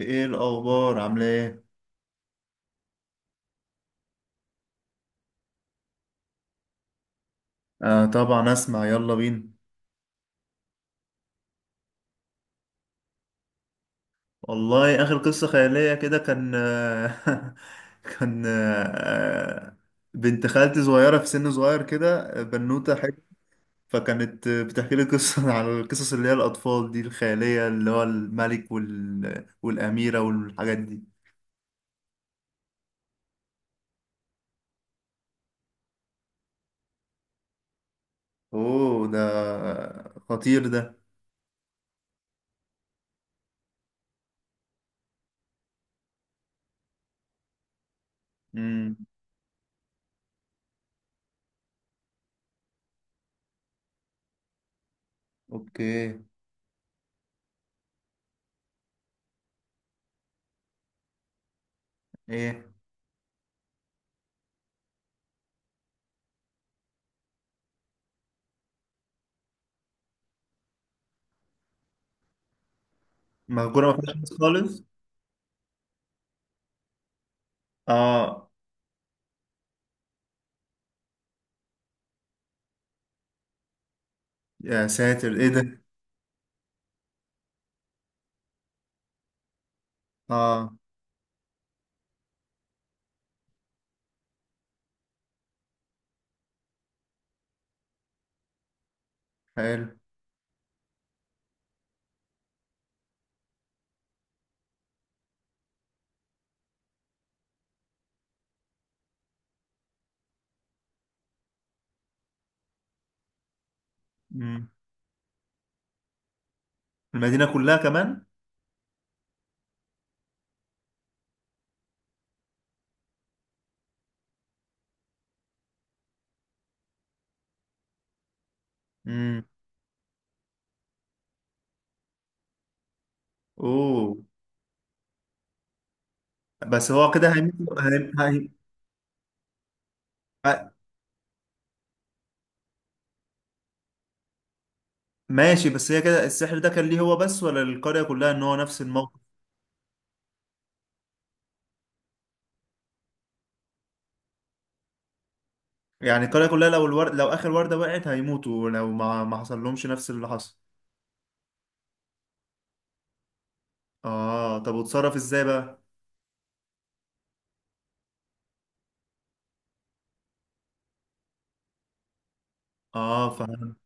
ايه الاخبار عامله ايه؟ آه، طبعا اسمع، يلا بينا. والله اخر قصه خياليه كده كان كان بنت خالتي صغيره في سن صغير كده، بنوته حلوه. فكانت بتحكي لي قصه على القصص اللي هي الاطفال دي الخياليه، اللي هو الملك والاميره والحاجات دي. اوه، ده خطير ده. امم. اوكي. ايه؟ مهجوره ما فيهاش ناس خالص. اه. يا ساتر، ايه ده! اه. حلو. مم. المدينة كلها كمان؟ مم. اوه. بس هو كده هيموت. هي... ماشي، بس هي كده السحر ده كان ليه هو بس، ولا القرية كلها ان هو نفس الموقف؟ يعني القرية كلها لو الورد، لو اخر وردة وقعت هيموتوا، لو ما حصل لهمش نفس اللي حصل. اه، طب وتصرف ازاي بقى؟ اه، فاهم.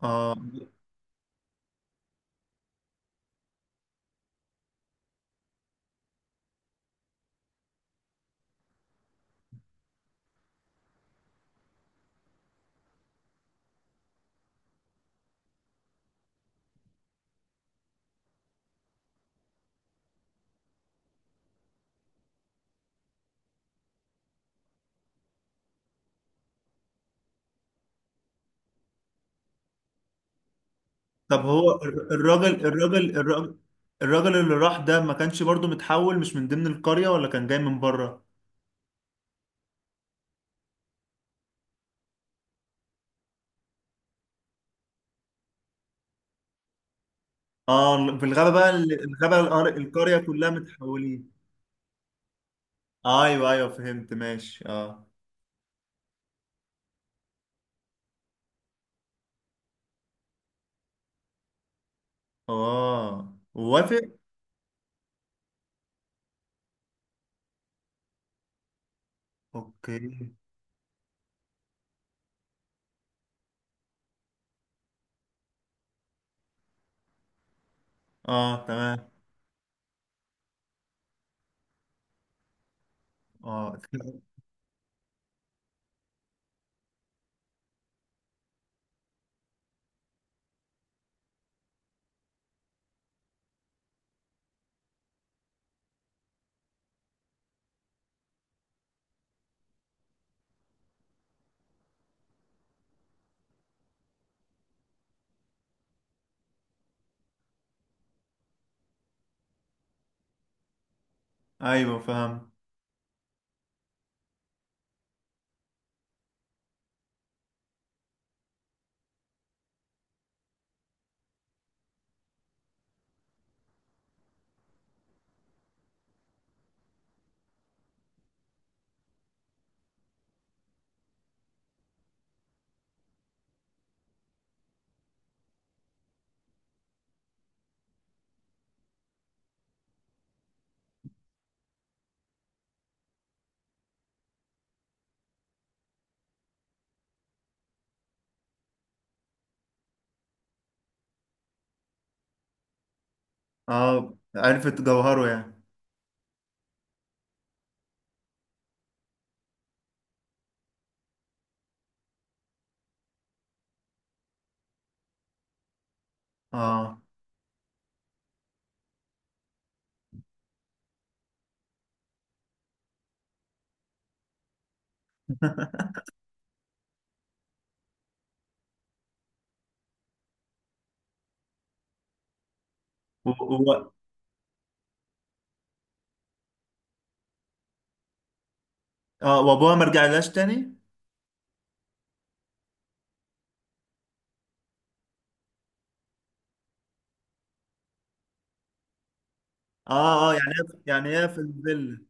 اه، طب هو الراجل الراجل اللي راح ده ما كانش برضو متحول، مش من ضمن القرية ولا كان جاي من بره؟ اه، في الغابة بقى الغابة القرية كلها متحولين. ايوه ايوه، فهمت، ماشي، اه. اه، وافق. اوكي. اه، تمام. اه ايوه، فهم. اه، عرفت جوهره يعني. اه. و... و... اه، وابوها ما رجعلهاش تاني؟ اه اه، يعني هي في الفيلا.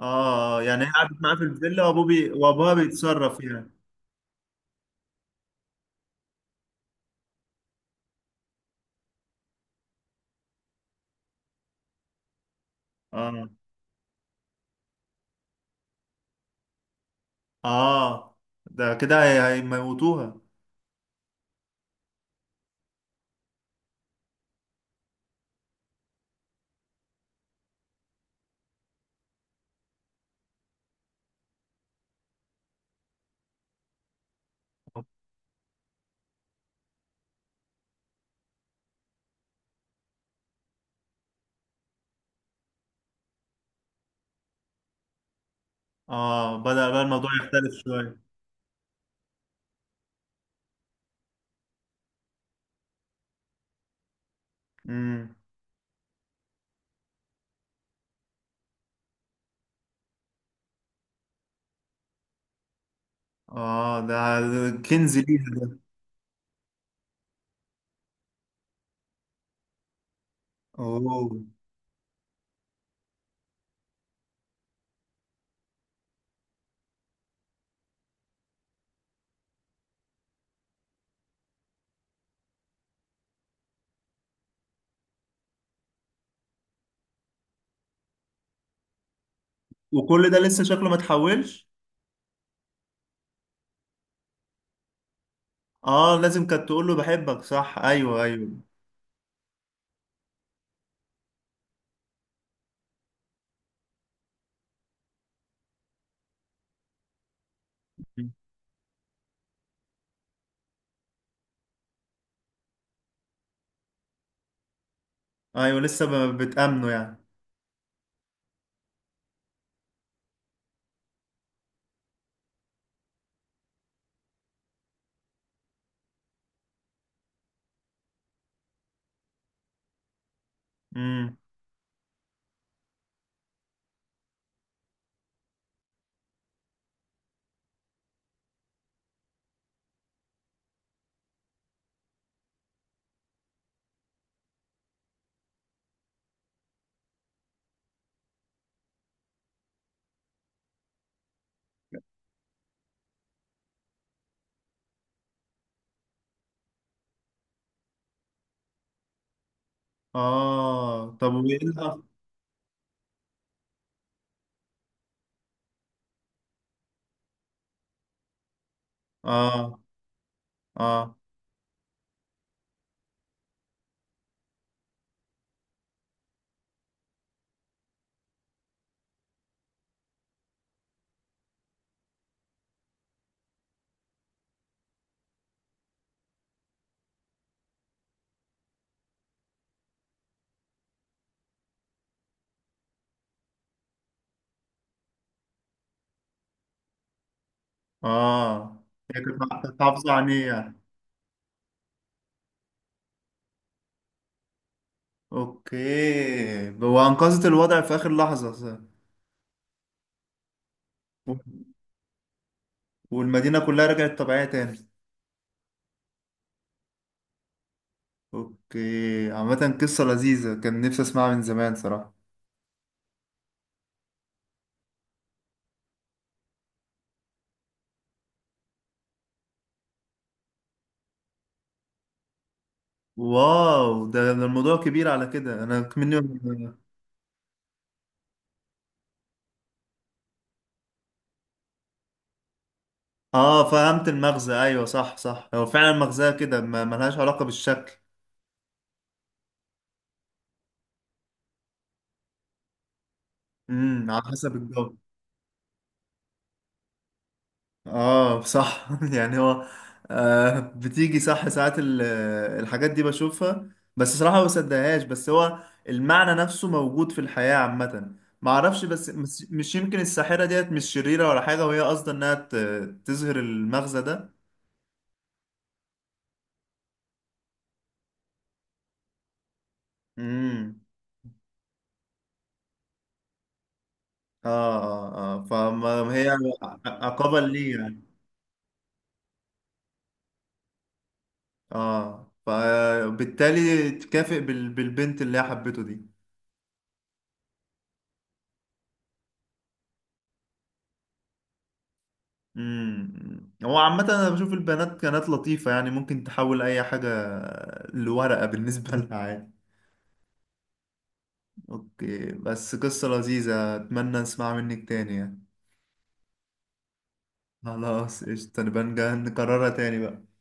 اه، يعني هي قعدت معاه في الفيلا، وابوه وابوها بيتصرف يعني. اه. اه، ده كده هيموتوها. اه، بدأ بقى الموضوع يختلف شوية. امم. اه، ده كنز ليها ده. اوه. وكل ده لسه شكله ما اتحولش؟ اه، لازم كانت تقول له بحبك صح، ايوه ايوه. ايوه، لسه بتأمنه يعني. امم. اه، طب وايه اه. اه. اه. هي كانت حافظة عليه يعني. اوكي، وانقذت الوضع في اخر لحظة صح؟ والمدينة كلها رجعت طبيعية تاني؟ اوكي، عامة قصة لذيذة، كان نفسي اسمعها من زمان صراحة. واو، ده الموضوع كبير على كده انا مني. اه، فهمت المغزى، ايوه صح صح، هو فعلا مغزاها كده ما ملهاش علاقة بالشكل. امم، على حسب الجو. اه صح، يعني هو. آه، بتيجي صح ساعات الحاجات دي بشوفها. بس صراحة ما بصدقهاش، بس هو. المعنى نفسه موجود في الحياة عامة. ما اعرفش، بس مش يمكن الساحرة ديت مش شريرة ولا حاجة، وهي قصدها انها تظهر المغزى ده. امم. اه. اه. اه، فما هي عقابا ليه يعني. اه، فبالتالي تكافئ بالبنت اللي هي حبته دي. امم، هو عامة أنا بشوف البنات كانت لطيفة، يعني ممكن تحول أي حاجة لورقة بالنسبة لها عادي. أوكي، بس قصة لذيذة أتمنى نسمع منك تاني يعني. خلاص قشطة، نبقى نكررها تاني بقى.